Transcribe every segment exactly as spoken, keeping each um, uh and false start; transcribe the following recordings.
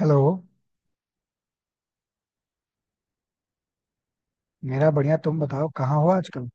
Hello. मेरा बढ़िया। तुम बताओ कहाँ हो आजकल?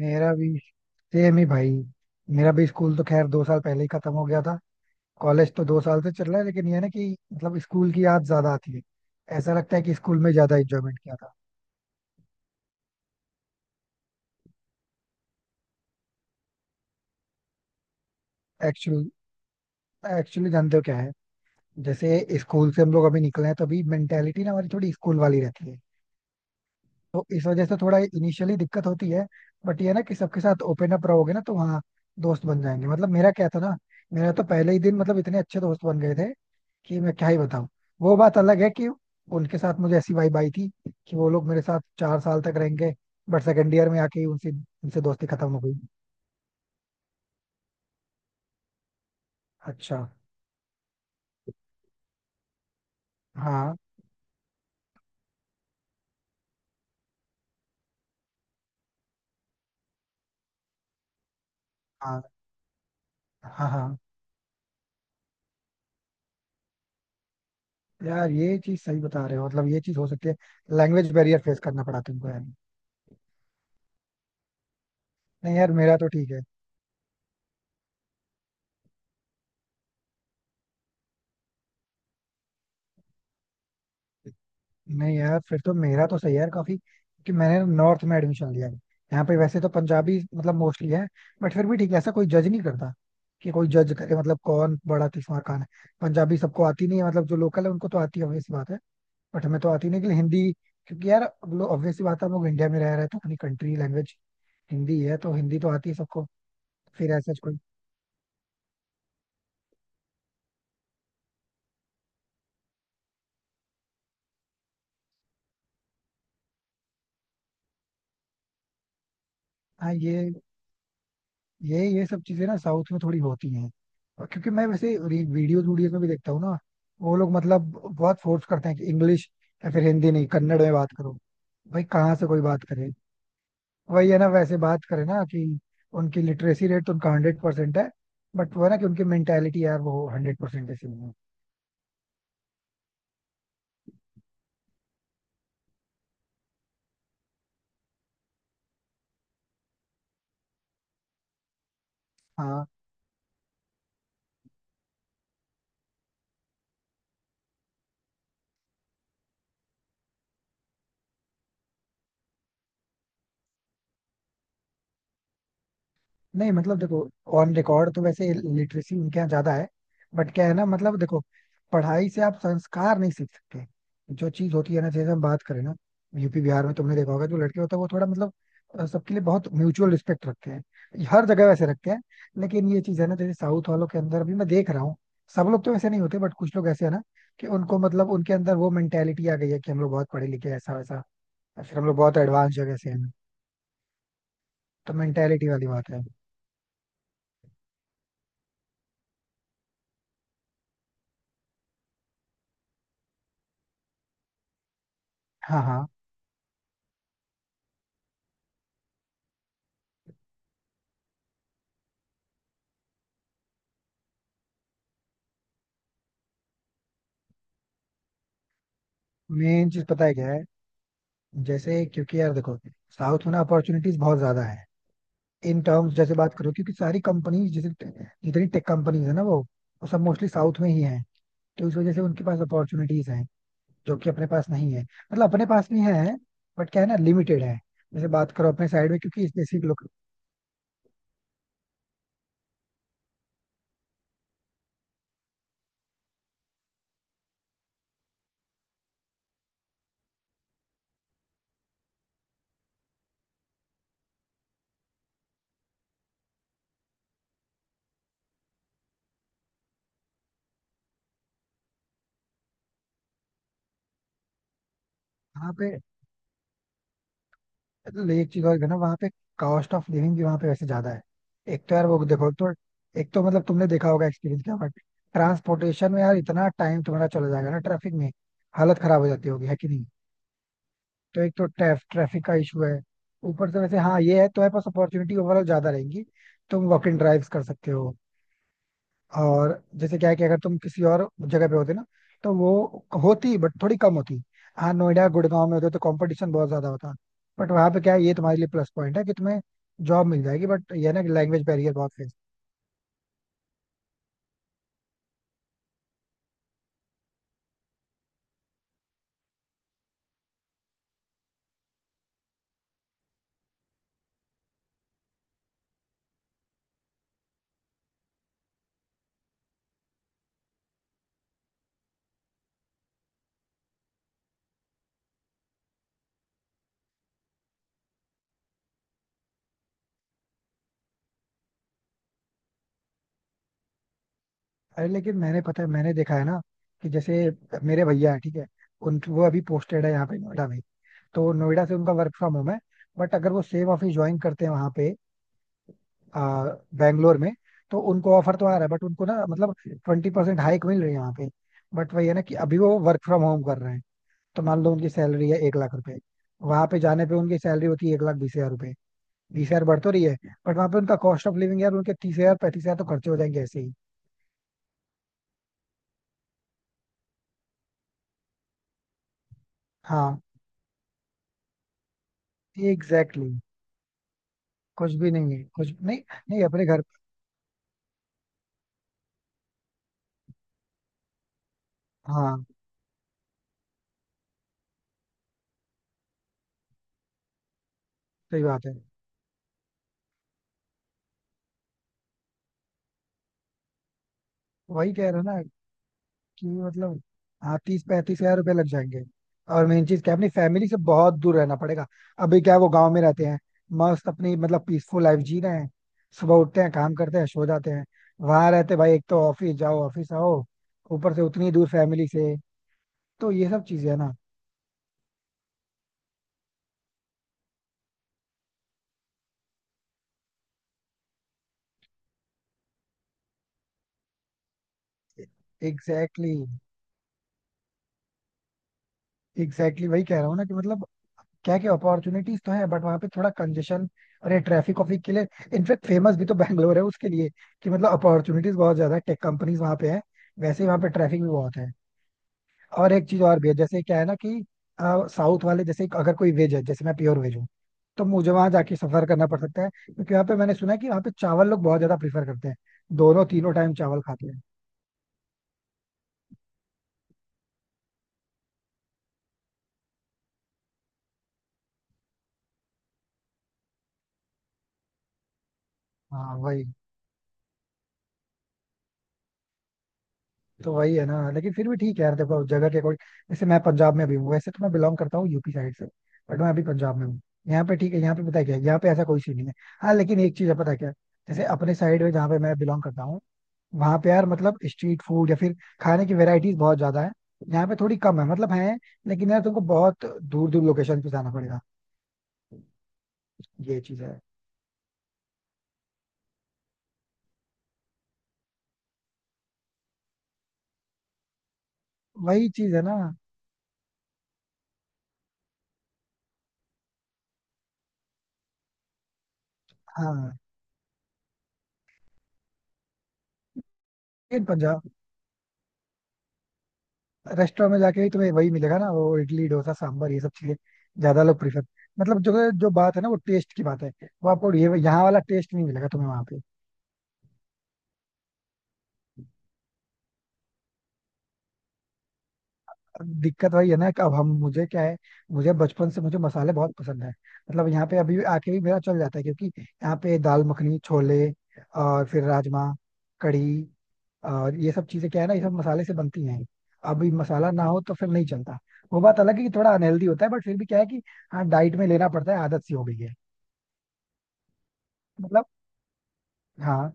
मेरा भी सेम ही भाई। मेरा भी स्कूल तो खैर दो साल पहले ही खत्म हो गया था। कॉलेज तो दो साल से चल रहा है, लेकिन ये है ना कि मतलब स्कूल की याद ज्यादा आती है। ऐसा लगता है कि स्कूल में ज्यादा एंजॉयमेंट किया था। एक्चुअली एक्चुअली जानते हो क्या है, जैसे स्कूल से हम लोग अभी निकले हैं तो अभी मेंटेलिटी ना हमारी थोड़ी स्कूल वाली रहती है। तो इस वजह से थोड़ा इनिशियली दिक्कत होती है। बट ये है ना कि सबके साथ ओपन अप रहोगे ना तो वहाँ दोस्त बन जाएंगे, मतलब मेरा क्या था ना, मेरा तो पहले ही दिन मतलब इतने अच्छे दोस्त बन गए थे कि मैं क्या ही बताऊं। वो बात अलग है कि उनके साथ मुझे ऐसी वाइब आई थी कि वो लोग मेरे साथ चार साल तक रहेंगे, बट सेकंड ईयर में आके ही उनसे उनसे दोस्ती खत्म हो गई। अच्छा। हाँ हाँ हाँ हाँ। यार ये चीज सही बता रहे हो, मतलब ये चीज हो सकती है। लैंग्वेज बैरियर फेस करना पड़ा तुमको यार। नहीं यार मेरा तो ठीक है। नहीं यार फिर तो मेरा तो सही है यार काफी, कि मैंने नॉर्थ में एडमिशन लिया है। यहाँ पे वैसे तो पंजाबी मतलब मोस्टली है, बट फिर भी ठीक है, ऐसा कोई जज नहीं करता कि कोई जज करे, मतलब कौन बड़ा किस्मार खान है। पंजाबी सबको आती नहीं है, मतलब जो लोकल है उनको तो आती है, ऑब्वियस बात है। बट हमें तो आती नहीं, लेकिन हिंदी, क्योंकि यार ऑब्वियस सी बात है, हम लोग इंडिया में रह रहे हैं तो अपनी कंट्री लैंग्वेज हिंदी है, तो हिंदी तो आती है सबको। फिर ऐसा कोई। हाँ। ये ये ये सब चीजें ना साउथ में थोड़ी होती हैं। और क्योंकि मैं वैसे वीडियोस वीडियोस में भी देखता हूँ ना, वो लोग मतलब बहुत फोर्स करते हैं कि इंग्लिश या फिर हिंदी नहीं, कन्नड़ में बात करो। भाई कहाँ से कोई बात करे। वही है ना, वैसे बात करे ना कि उनकी लिटरेसी रेट तो उनका हंड्रेड परसेंट है, बट वो है ना कि उनकी मेंटेलिटी यार वो हंड्रेड परसेंट ऐसी नहीं है। हाँ। नहीं मतलब देखो, ऑन रिकॉर्ड तो वैसे लिटरेसी उनके यहाँ ज्यादा है। बट क्या है ना, मतलब देखो, पढ़ाई से आप संस्कार नहीं सीख सकते। जो चीज होती है ना, जैसे हम बात करें ना, यूपी बिहार में तुमने देखा होगा, जो लड़के होते हैं वो थोड़ा मतलब अ, सबके लिए बहुत म्यूचुअल रिस्पेक्ट रखते हैं, हर जगह वैसे रखते हैं। लेकिन ये चीज है ना, जैसे साउथ वालों के अंदर भी मैं देख रहा हूँ, सब लोग तो वैसे नहीं होते, बट कुछ लोग ऐसे है ना कि उनको मतलब उनके अंदर वो मेंटेलिटी आ गई है कि हम लोग बहुत पढ़े लिखे हैं, ऐसा वैसा, या फिर हम लोग बहुत एडवांस जगह से हैं। तो मेंटेलिटी वाली बात है। हाँ हाँ। मेन चीज पता है क्या है, जैसे क्योंकि यार देखो, साउथ में ना अपॉर्चुनिटीज बहुत ज्यादा है। इन टर्म्स जैसे बात करो, क्योंकि सारी कंपनीज जैसे, जितनी टेक कंपनीज है ना वो वो सब मोस्टली साउथ में ही है। तो इस वजह से उनके पास अपॉर्चुनिटीज हैं, जो कि अपने पास नहीं है, मतलब अपने पास भी है, बट क्या है ना, लिमिटेड है। जैसे बात करो अपने साइड में, क्योंकि स्पेसिफिक लोग यहाँ पे, ले, एक चीज और है ना, वहाँ पे कॉस्ट ऑफ लिविंग भी वहाँ पे वैसे ज्यादा है। एक तो यार वो देखो तो, एक तो मतलब तुमने देखा होगा एक्सपीरियंस क्या, बट ट्रांसपोर्टेशन में यार इतना टाइम तुम्हारा चला जाएगा ना ट्रैफिक में। हालत खराब हो जाती होगी है कि नहीं। तो एक तो ट्रैफिक का इशू है, ऊपर से वैसे हाँ ये है, तुम्हारे पास अपॉर्चुनिटी ओवरऑल ज्यादा रहेंगी, तुम वॉक इन ड्राइव्स कर सकते हो। और जैसे क्या है कि अगर तुम किसी और जगह पे होते ना, तो वो होती बट थोड़ी कम होती। हाँ, नोएडा गुड़गांव में होते तो कंपटीशन बहुत ज्यादा होता। बट वहाँ पे क्या है, ये तुम्हारे लिए प्लस पॉइंट है कि तुम्हें जॉब मिल जाएगी, बट ये है ना कि लैंग्वेज बैरियर बहुत है। अरे लेकिन मैंने पता है, मैंने देखा है ना कि जैसे मेरे भैया है ठीक है, उन, वो अभी पोस्टेड है यहाँ पे नोएडा में। तो नोएडा से उनका वर्क फ्रॉम होम है, बट अगर वो सेम ऑफिस ज्वाइन करते हैं वहाँ पे, आ, बैंगलोर में, तो उनको ऑफर तो आ रहा है, बट उनको ना मतलब ट्वेंटी परसेंट हाइक मिल रही है वहाँ पे। बट वही है ना कि अभी वो वर्क फ्रॉम होम कर रहे हैं। तो मान लो उनकी सैलरी है एक लाख रुपए, वहां पे जाने पे उनकी सैलरी होती है एक लाख बीस हजार रुपए। बीस हजार बढ़ तो रही है, बट वहां पे उनका कॉस्ट ऑफ लिविंग यार, उनके तीस हजार पैंतीस हजार तो खर्चे हो जाएंगे ऐसे ही। हाँ एग्जैक्टली exactly। कुछ भी नहीं है, कुछ नहीं। नहीं, अपने घर। हाँ सही बात है। वही कह रहा हूँ ना कि मतलब, हाँ तीस पैंतीस हजार रुपये लग जाएंगे। और मेन चीज क्या है, अपनी फैमिली से बहुत दूर रहना पड़ेगा। अभी क्या है, वो गांव में रहते हैं। मस्त अपनी मतलब पीसफुल लाइफ जी रहे हैं, सुबह उठते हैं, काम करते हैं, सो जाते हैं। वहां रहते भाई, एक तो ऑफिस जाओ ऑफिस आओ, ऊपर से उतनी दूर फैमिली से, तो ये सब चीजें है ना। एग्जैक्टली exactly, एग्जैक्टली exactly, वही कह रहा हूँ ना कि मतलब, क्या क्या अपॉर्चुनिटीज तो है, बट वहां पे थोड़ा कंजेशन, और ये ट्रैफिक ऑफिक के लिए इनफेक्ट फेमस भी तो बैंगलोर है उसके लिए, कि मतलब अपॉर्चुनिटीज बहुत ज्यादा है, टेक कंपनीज वहां पे है, वैसे ही वहां पे ट्रैफिक भी बहुत है। और एक चीज और भी है, जैसे क्या है ना कि साउथ वाले, जैसे अगर कोई वेज है, जैसे मैं प्योर वेज हूँ, तो मुझे वहां जाके सफर करना पड़ सकता है, क्योंकि वहां पे मैंने सुना है कि वहां पे चावल लोग बहुत ज्यादा प्रीफर करते हैं, दोनों तीनों टाइम चावल खाते हैं। हाँ वही। तो वही है ना, लेकिन फिर भी ठीक है यार, देखो जगह के अकॉर्डिंग, जैसे मैं पंजाब में भी हूँ, वैसे तो मैं बिलोंग करता हूँ यूपी साइड से, बट मैं अभी पंजाब में हूँ। यहाँ पे ठीक है, यहाँ पे पता है क्या है, यहाँ पे ऐसा कोई सीन नहीं है। हाँ लेकिन एक चीज है, पता है क्या है? जैसे अपने साइड में, जहाँ पे मैं बिलोंग करता हूँ, वहाँ पे यार मतलब स्ट्रीट फूड या फिर खाने की वेराइटीज बहुत ज्यादा है। यहाँ पे थोड़ी कम है, मतलब है, लेकिन यार तुमको बहुत दूर दूर लोकेशन पे जाना पड़ेगा। ये चीज है। वही चीज है ना। हाँ लेकिन पंजाब, रेस्टोरेंट में जाके ही तुम्हें वही मिलेगा ना, वो इडली डोसा सांभर, ये सब चीजें ज्यादा लोग प्रीफर, मतलब जो जो बात है ना, वो टेस्ट की बात है, वो आपको ये यहाँ वाला टेस्ट नहीं मिलेगा तुम्हें वहाँ पे। दिक्कत वही है ना कि अब हम, मुझे क्या है, मुझे बचपन से मुझे मसाले बहुत पसंद है, मतलब यहाँ पे अभी आके भी मेरा चल जाता है, क्योंकि यहाँ पे दाल मखनी, छोले और फिर राजमा, कढ़ी और ये सब चीजें, क्या है ना, ये सब मसाले से बनती हैं। अभी मसाला ना हो तो फिर नहीं चलता। वो बात अलग है कि थोड़ा अनहेल्दी होता है, बट फिर भी क्या है कि हाँ, डाइट में लेना पड़ता है, आदत सी हो गई है। मतलब। हाँ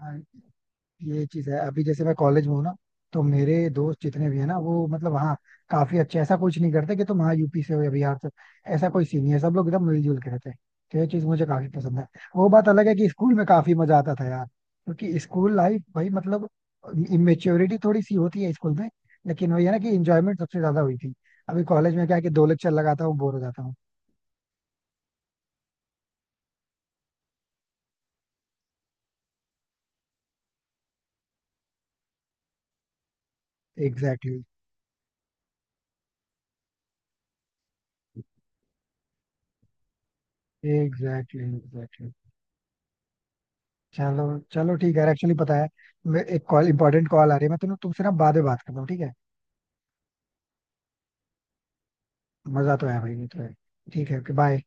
हाँ। ये चीज है, अभी जैसे मैं कॉलेज में हूँ ना, तो मेरे दोस्त जितने भी है ना, वो मतलब हाँ काफी अच्छे, ऐसा कुछ नहीं करते कि तुम हाँ यूपी से हो या बिहार से हो। ऐसा कोई सीन नहीं है, सब लोग एकदम मिलजुल के रहते हैं। तो ये चीज मुझे काफी पसंद है। वो बात अलग है कि स्कूल में काफी मजा आता था यार, क्योंकि स्कूल लाइफ भाई मतलब, इमेच्योरिटी थोड़ी सी होती है स्कूल में, लेकिन वही है ना कि इंजॉयमेंट सबसे ज्यादा हुई थी। अभी कॉलेज में क्या है, कि दो लेक्चर लगाता हूँ बोर हो जाता हूँ। Exactly exactly. एग्जैक्टली। चलो। चलो ठीक है, एक्चुअली पता है, मैं एक कॉल इंपॉर्टेंट कॉल आ रही है, मैं तुम तुमसे ना बाद में बात करता हूँ ठीक है। मजा तो है भाई, ये तो है। ठीक है, ओके बाय।